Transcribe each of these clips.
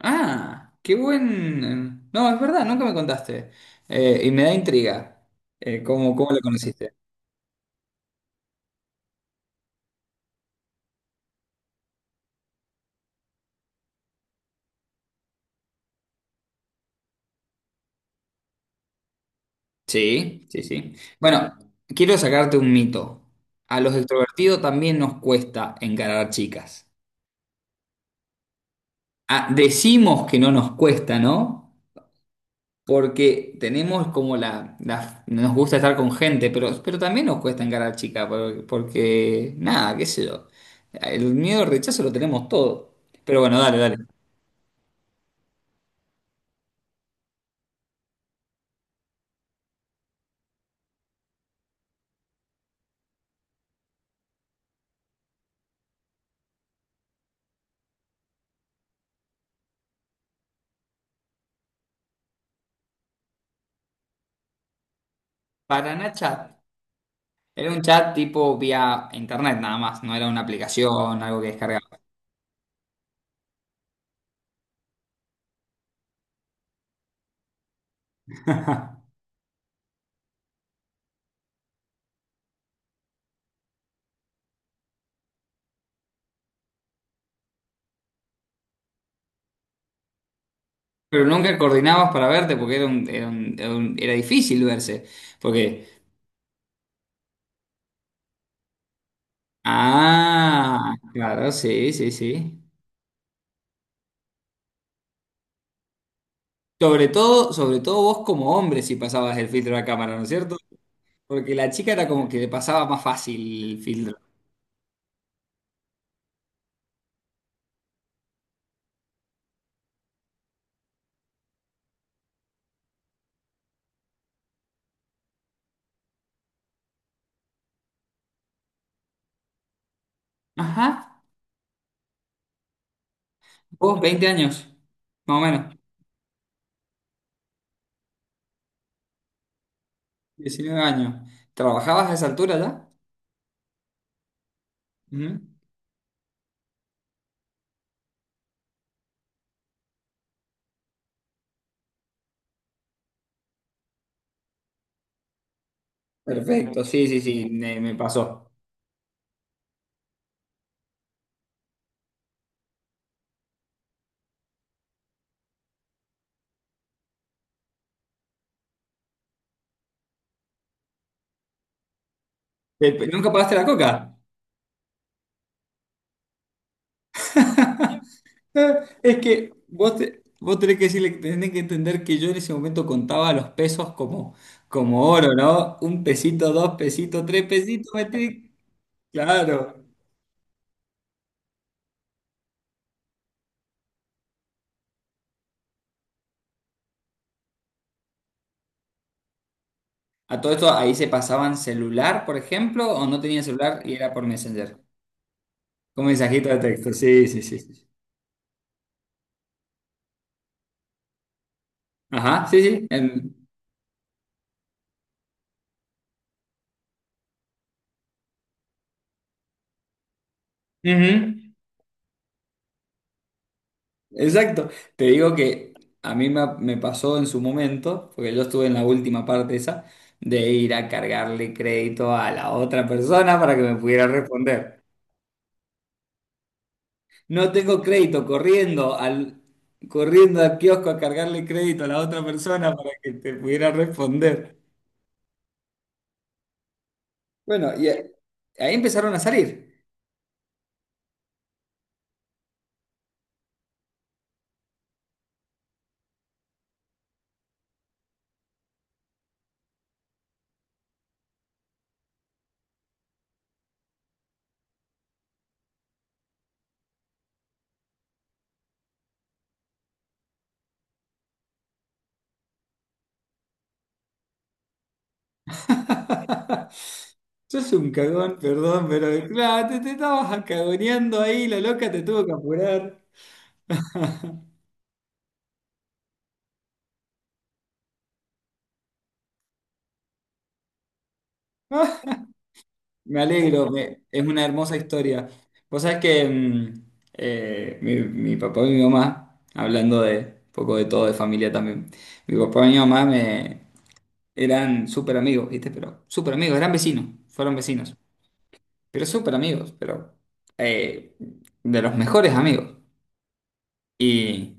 Ah, no, es verdad, nunca me contaste. Y me da intriga. ¿Cómo lo conociste? Sí, sí, sí. Bueno, quiero sacarte un mito. A los extrovertidos también nos cuesta encarar chicas. Ah, decimos que no nos cuesta, ¿no? Porque tenemos como nos gusta estar con gente, pero también nos cuesta encarar chicas, porque, nada, qué sé yo. El miedo al rechazo lo tenemos todo. Pero bueno, dale, dale. Para Nacha. Era un chat tipo vía internet nada más, no era una aplicación, algo que descargabas. Pero nunca coordinabas para verte porque era difícil verse. Porque, ah, claro, sí, sí, sí. Sobre todo vos como hombre si pasabas el filtro de la cámara, ¿no es cierto? Porque la chica era como que le pasaba más fácil el filtro. Ajá, vos 20 años, más o menos, 19 años. ¿Trabajabas a esa altura ya? Ujú. Perfecto, sí, sí, sí, me pasó. ¿Nunca pagaste la coca? Eh, Es que vos tenés que decirle, tenés que entender que yo en ese momento contaba los pesos como, oro, ¿no? Un pesito, dos pesitos, tres pesitos, metí. Claro. A todo esto ahí se pasaban celular, por ejemplo, o no tenían celular y era por Messenger. Con mensajito de texto, sí, sí, sí, sí. Ajá, sí, sí. Ujú. Exacto. Te digo que a mí me pasó en su momento, porque yo estuve en la última parte esa, de ir a cargarle crédito a la otra persona para que me pudiera responder. No tengo crédito, corriendo al kiosco a cargarle crédito a la otra persona para que te pudiera responder. Bueno, y ahí empezaron a salir. Sos un cagón, perdón, pero claro, te estabas cagoneando ahí, la loca te tuvo que apurar. No. Me alegro, es una hermosa historia. Vos sabés que mi papá y mi mamá, hablando de un poco de todo, de familia también, mi papá y mi mamá eran súper amigos, ¿viste? Pero súper amigos, eran vecinos, fueron vecinos, pero súper amigos, pero eh, de los mejores amigos. Y,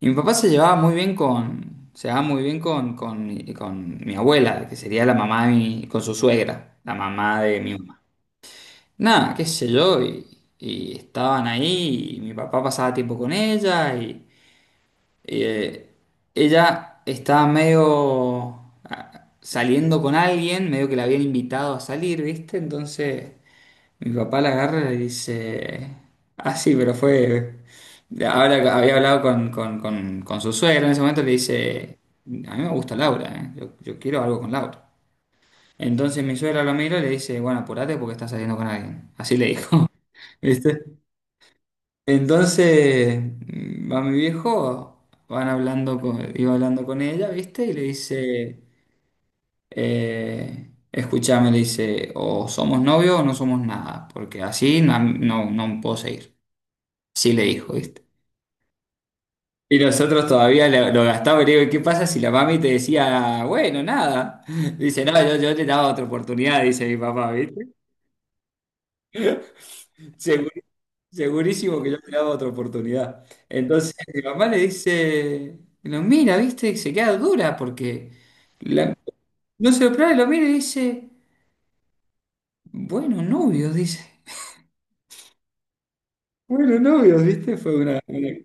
y mi papá se llevaba muy bien con mi abuela, que sería la mamá con su suegra, la mamá de mi mamá. Nada, qué sé yo, y estaban ahí, y mi papá pasaba tiempo con ella, y, eh, ella estaba medio saliendo con alguien, medio que la habían invitado a salir, ¿viste? Entonces mi papá la agarra y le dice, ah, sí, pero fue, ahora que había hablado con, con su suegra en ese momento, le dice, a mí me gusta Laura, ¿eh? Yo quiero algo con Laura. Entonces mi suegra lo mira y le dice, bueno, apurate porque estás saliendo con alguien. Así le dijo. ¿Viste? Entonces va mi viejo, iba hablando con ella, ¿viste? Y le dice, escúchame, le dice, o somos novios o no somos nada, porque así no, no puedo seguir. Así le dijo, ¿viste? Y nosotros todavía lo gastamos y le digo, ¿qué pasa si la mami te decía, bueno, nada? Dice, no, yo le daba otra oportunidad, dice mi papá, ¿viste? Segurísimo que yo le daba otra oportunidad. Entonces mi mamá le dice, lo mira, ¿viste? Y se queda dura porque la- no se lo prueba, y lo mira y dice. Bueno, novios, ¿viste?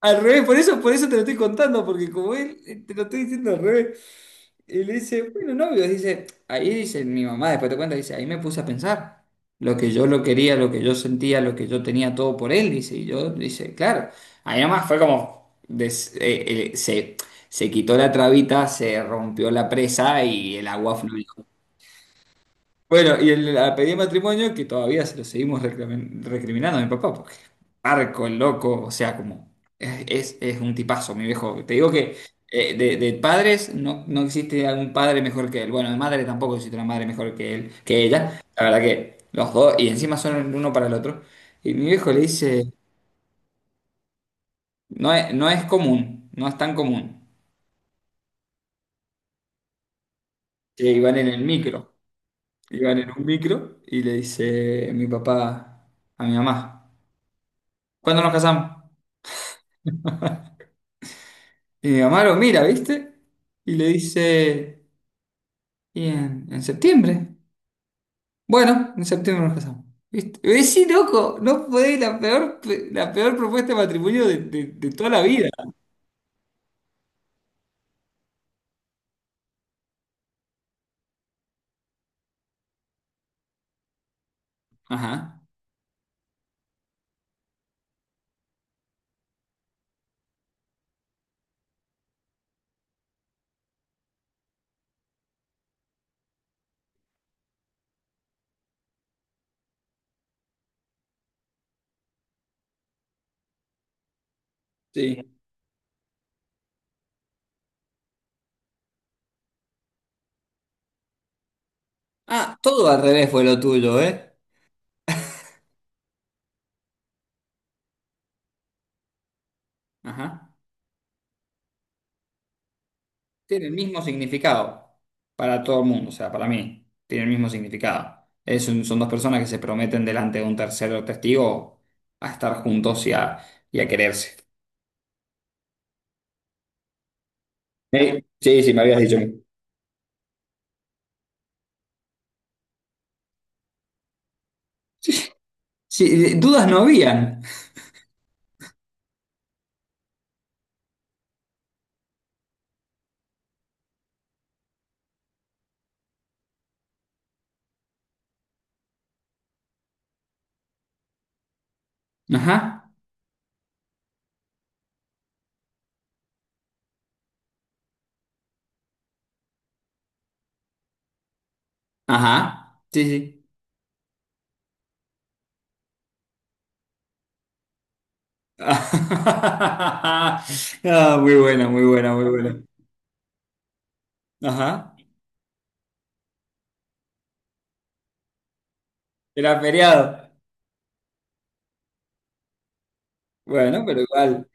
Al revés, por eso te lo estoy contando, porque como él, te lo estoy diciendo al revés. Y le dice, bueno, novios, dice, ahí dice mi mamá, después te cuenta, dice, ahí me puse a pensar lo que yo lo quería, lo que yo sentía, lo que yo tenía todo por él, dice, y yo, dice, claro, ahí nomás fue como, se quitó la trabita, se rompió la presa y el agua fluyó. Bueno, y la pedida de matrimonio que todavía se lo seguimos recriminando a mi papá, porque arco, el loco, o sea, como es, un tipazo, mi viejo. Te digo que de padres no existe algún padre mejor que él. Bueno, de madre tampoco existe una madre mejor que él, que ella. La verdad que los dos, y encima son el uno para el otro. Y mi viejo le dice, no es común, no es tan común. Que iban en el micro, iban en un micro y le dice mi papá a mi mamá, ¿cuándo nos casamos? Y mi mamá lo mira, ¿viste? Y le dice, ¿y en septiembre? Bueno, en septiembre nos casamos. ¿Viste? Y dice, sí, loco, no fue la peor, la peor propuesta de matrimonio de toda la vida. Ajá, sí. Ah, todo al revés fue lo tuyo, ¿eh? Ajá. Tiene el mismo significado para todo el mundo, o sea, para mí, tiene el mismo significado. Son dos personas que se prometen delante de un tercero testigo a estar juntos y a, quererse. Sí, sí, me habías dicho. Sí, dudas no habían. Ajá, ajá, sí, sí. Ah, muy buena, muy buena, muy buena. Ajá, era feriado. Bueno, pero igual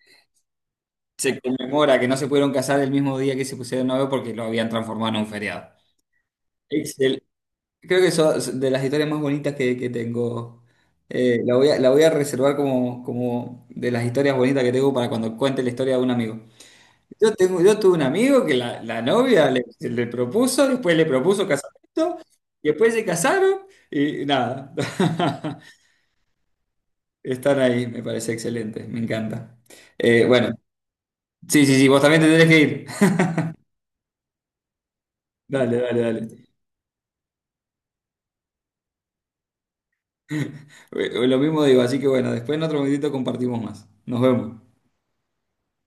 se conmemora que no se pudieron casar el mismo día que se pusieron novio porque lo habían transformado en un feriado. Excel. Creo que eso es de las historias más bonitas que tengo. La voy a reservar como de las historias bonitas que tengo para cuando cuente la historia de un amigo. Yo tengo, yo tuve un amigo que la novia le propuso, después le propuso casamiento, y después se casaron y nada. Están ahí, me parece excelente, me encanta. Bueno, sí, sí, sí, vos también te tenés que ir. Dale, dale, dale. Lo mismo digo, así que bueno, después en otro momentito compartimos más. Nos vemos.